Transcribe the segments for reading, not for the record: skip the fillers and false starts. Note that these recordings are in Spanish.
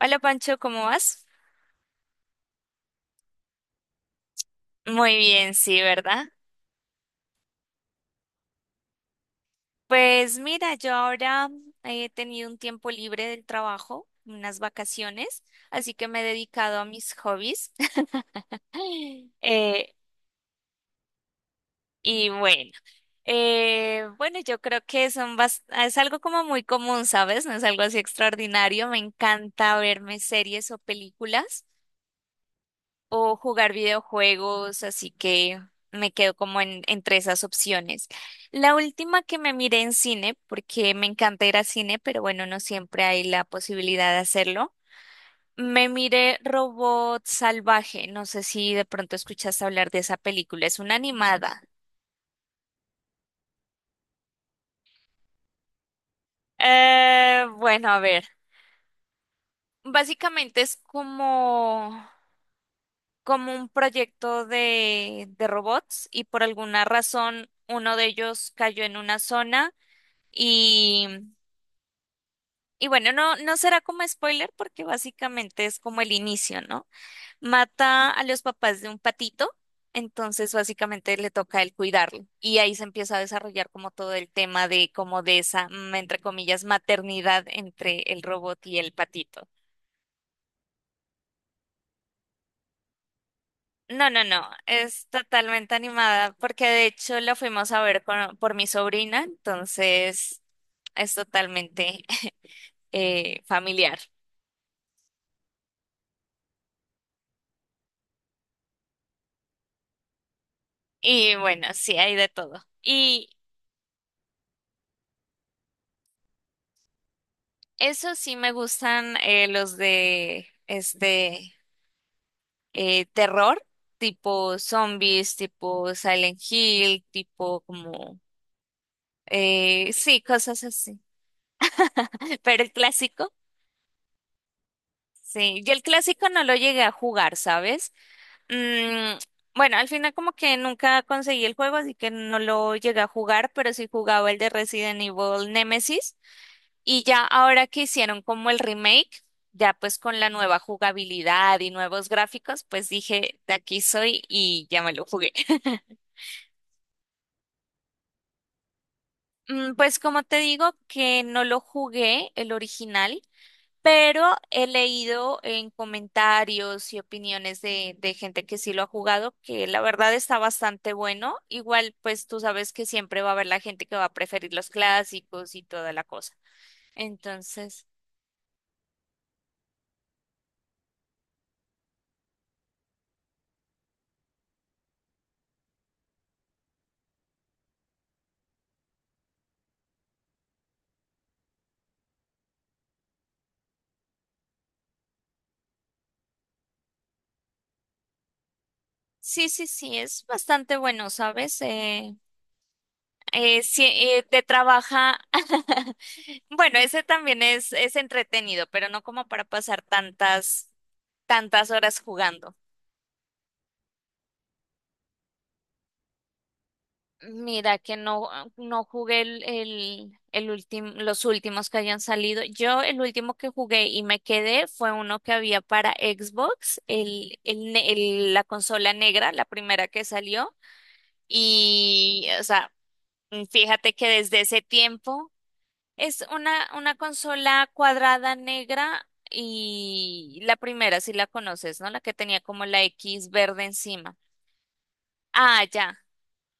Hola Pancho, ¿cómo vas? Muy bien, sí, ¿verdad? Pues mira, yo ahora he tenido un tiempo libre del trabajo, unas vacaciones, así que me he dedicado a mis hobbies. Eh, y bueno, bueno, yo creo que es algo como muy común, ¿sabes? No es algo así extraordinario. Me encanta verme series o películas, o jugar videojuegos, así que me quedo como en, entre esas opciones. La última que me miré en cine, porque me encanta ir a cine, pero bueno, no siempre hay la posibilidad de hacerlo. Me miré Robot Salvaje, no sé si de pronto escuchaste hablar de esa película, es una animada. Bueno, a ver, básicamente es como, como un proyecto de robots y por alguna razón uno de ellos cayó en una zona. Y, y bueno, no, no será como spoiler porque básicamente es como el inicio, ¿no? Mata a los papás de un patito, entonces básicamente le toca a él cuidarlo. Y ahí se empieza a desarrollar como todo el tema de como de esa, mm, entre comillas, maternidad entre el robot y el patito. No, no, no, es totalmente animada porque de hecho la fuimos a ver por mi sobrina, entonces es totalmente familiar. Y bueno, sí, hay de todo. Y eso sí me gustan los de terror, tipo zombies, tipo Silent Hill, tipo como sí, cosas así. Pero el clásico, sí. Yo el clásico no lo llegué a jugar, ¿sabes? Mm, bueno, al final como que nunca conseguí el juego, así que no lo llegué a jugar, pero sí jugaba el de Resident Evil Nemesis. Y ya ahora que hicieron como el remake, ya pues con la nueva jugabilidad y nuevos gráficos, pues dije, de aquí soy y ya me lo jugué. Mm, pues como te digo que no lo jugué el original, pero he leído en comentarios y opiniones de gente que sí lo ha jugado, que la verdad está bastante bueno. Igual, pues tú sabes que siempre va a haber la gente que va a preferir los clásicos y toda la cosa. Entonces... sí, sí, sí, es bastante bueno, ¿sabes? Sí, te trabaja. Bueno, ese también es entretenido, pero no como para pasar tantas, tantas horas jugando. Mira que no, no jugué el último, los últimos que hayan salido. Yo el último que jugué y me quedé fue uno que había para Xbox, la consola negra, la primera que salió. Y, o sea, mm, fíjate que desde ese tiempo es una consola cuadrada negra y la primera, si la conoces, ¿no? La que tenía como la X verde encima. Ah, ya.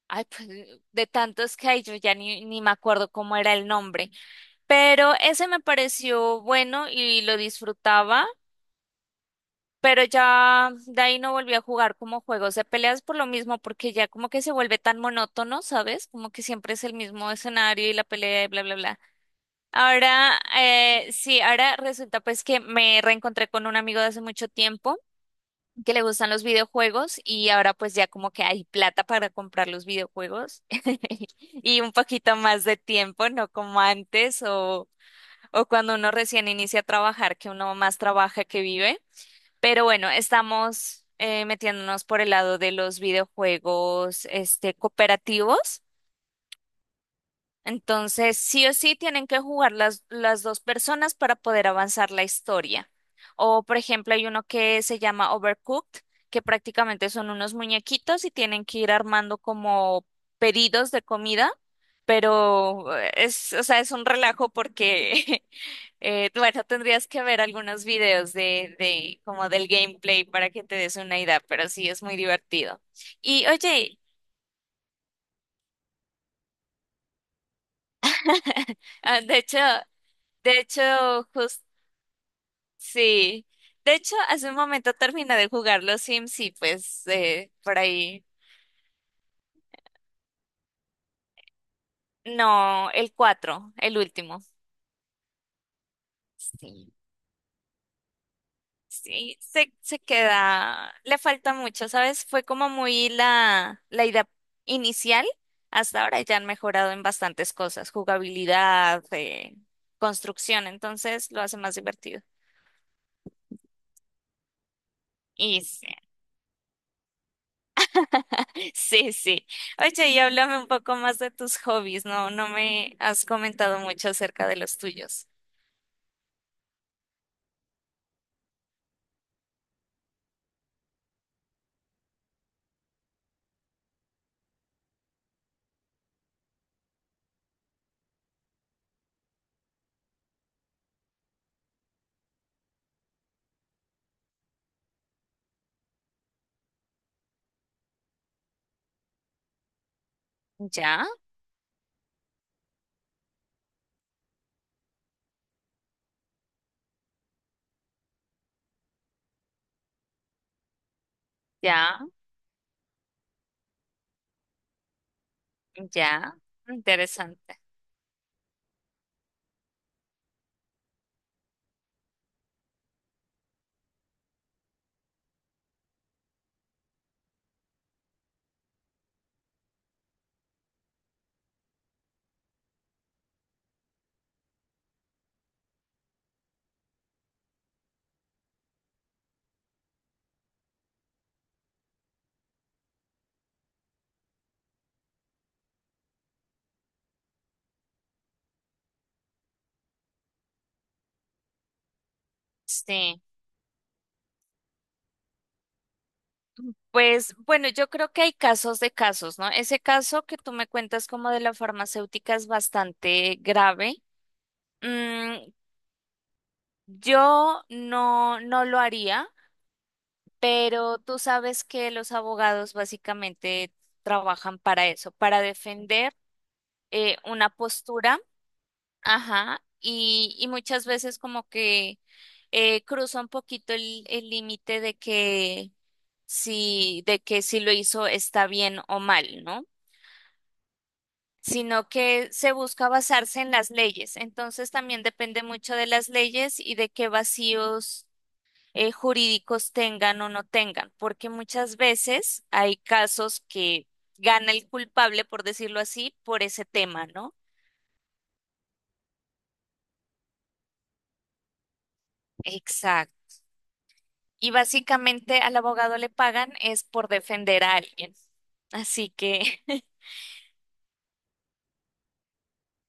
Ay, pues de tantos que hay, yo ya ni, ni me acuerdo cómo era el nombre. Pero ese me pareció bueno y lo disfrutaba, pero ya de ahí no volví a jugar como juegos de peleas por lo mismo, porque ya como que se vuelve tan monótono, ¿sabes? Como que siempre es el mismo escenario y la pelea y bla, bla, bla. Ahora, sí, ahora resulta pues que me reencontré con un amigo de hace mucho tiempo que le gustan los videojuegos y ahora pues ya como que hay plata para comprar los videojuegos y un poquito más de tiempo, no como antes o cuando uno recién inicia a trabajar, que uno más trabaja que vive. Pero bueno, estamos metiéndonos por el lado de los videojuegos este, cooperativos. Entonces, sí o sí tienen que jugar las dos personas para poder avanzar la historia. O, por ejemplo, hay uno que se llama Overcooked, que prácticamente son unos muñequitos y tienen que ir armando como pedidos de comida, pero o sea, es un relajo porque, bueno, tendrías que ver algunos videos como del gameplay para que te des una idea, pero sí es muy divertido. Y oye, ah, de hecho, de hecho, justo sí. De hecho, hace un momento terminé de jugar los Sims y pues por ahí. No, el 4, el último. Sí. Sí, se queda. Le falta mucho, ¿sabes? Fue como muy la idea inicial. Hasta ahora ya han mejorado en bastantes cosas. Jugabilidad, construcción, entonces lo hace más divertido. Y sí, sí, sí. Oye, y háblame un poco más de tus hobbies, ¿no? No me has comentado mucho acerca de los tuyos. Ya, ya, ya. Interesante. Sí. Pues bueno, yo creo que hay casos de casos, ¿no? Ese caso que tú me cuentas como de la farmacéutica es bastante grave. Mm, yo no, no lo haría, pero tú sabes que los abogados básicamente trabajan para eso, para defender una postura. Ajá, y muchas veces como que cruza un poquito el límite de que si lo hizo está bien o mal, ¿no? Sino que se busca basarse en las leyes. Entonces también depende mucho de las leyes y de qué vacíos jurídicos tengan o no tengan, porque muchas veces hay casos que gana el culpable, por decirlo así, por ese tema, ¿no? Exacto. Y básicamente al abogado le pagan es por defender a alguien. Así que,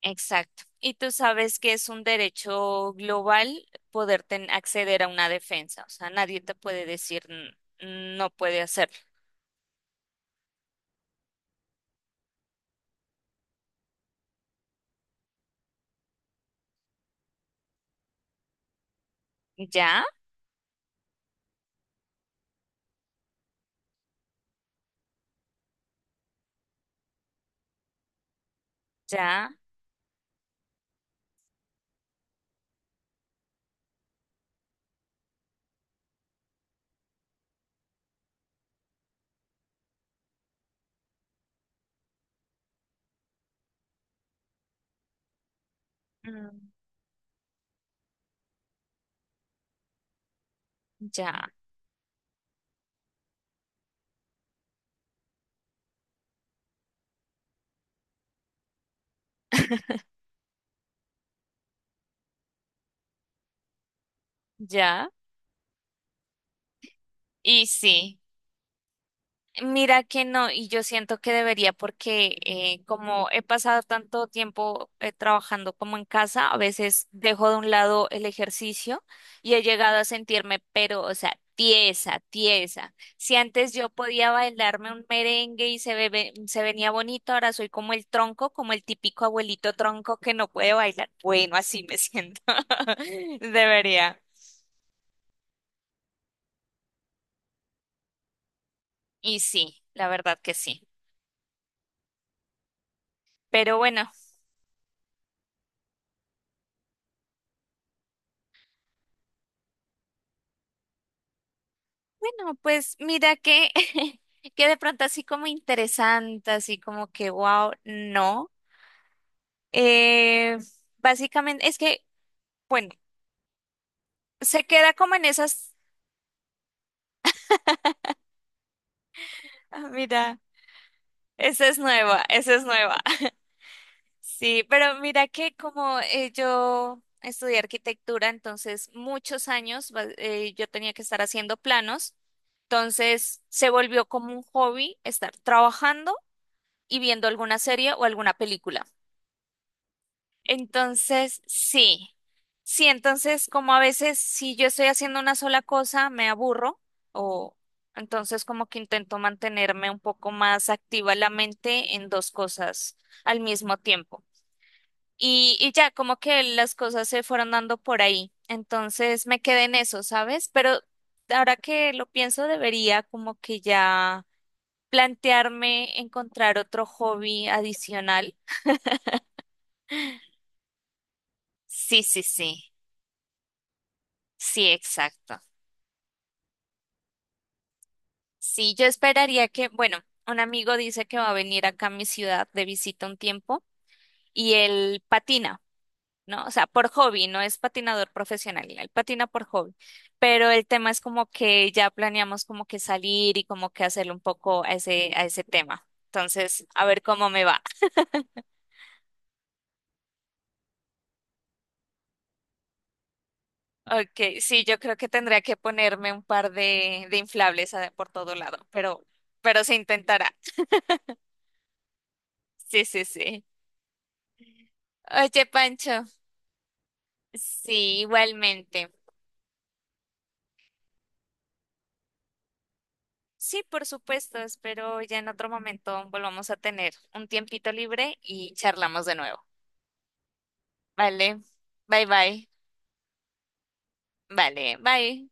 exacto. Y tú sabes que es un derecho global poder acceder a una defensa. O sea, nadie te puede decir no puede hacerlo". Ya, ya, mm, ya, ya. Y sí. Mira que no, y yo siento que debería porque como he pasado tanto tiempo trabajando como en casa, a veces dejo de un lado el ejercicio y he llegado a sentirme, pero, o sea, tiesa, tiesa. Si antes yo podía bailarme un merengue y se, se venía bonito, ahora soy como el tronco, como el típico abuelito tronco que no puede bailar. Bueno, así me siento. Debería. Y sí, la verdad que sí. Pero bueno. No, pues mira que, que de pronto así como interesante, así como que wow, no. Eh, básicamente es que, bueno, se queda como en esas, ah, mira, esa es nueva, esa es nueva. Sí, pero mira que como yo estudié arquitectura, entonces muchos años yo tenía que estar haciendo planos, entonces se volvió como un hobby estar trabajando y viendo alguna serie o alguna película. Entonces, sí. Sí, entonces como a veces si yo estoy haciendo una sola cosa me aburro o entonces como que intento mantenerme un poco más activa la mente en dos cosas al mismo tiempo. Y ya como que las cosas se fueron dando por ahí. Entonces me quedé en eso, ¿sabes? Pero ahora que lo pienso debería como que ya plantearme encontrar otro hobby adicional. Sí, sí, sí. Sí, exacto. Sí, yo esperaría que, bueno, un amigo dice que va a venir acá a mi ciudad de visita un tiempo y él patina, ¿no? O sea, por hobby, no es patinador profesional, él patina por hobby. Pero el tema es como que ya planeamos como que salir y como que hacerle un poco a ese tema. Entonces, a ver cómo me va. Ok, sí, yo creo que tendría que ponerme un par de inflables por todo lado, pero se intentará. Sí, sí, sí. Oye, Pancho, sí, igualmente. Sí, por supuesto, espero ya en otro momento volvamos a tener un tiempito libre y charlamos de nuevo. Vale, bye bye. Vale, bye.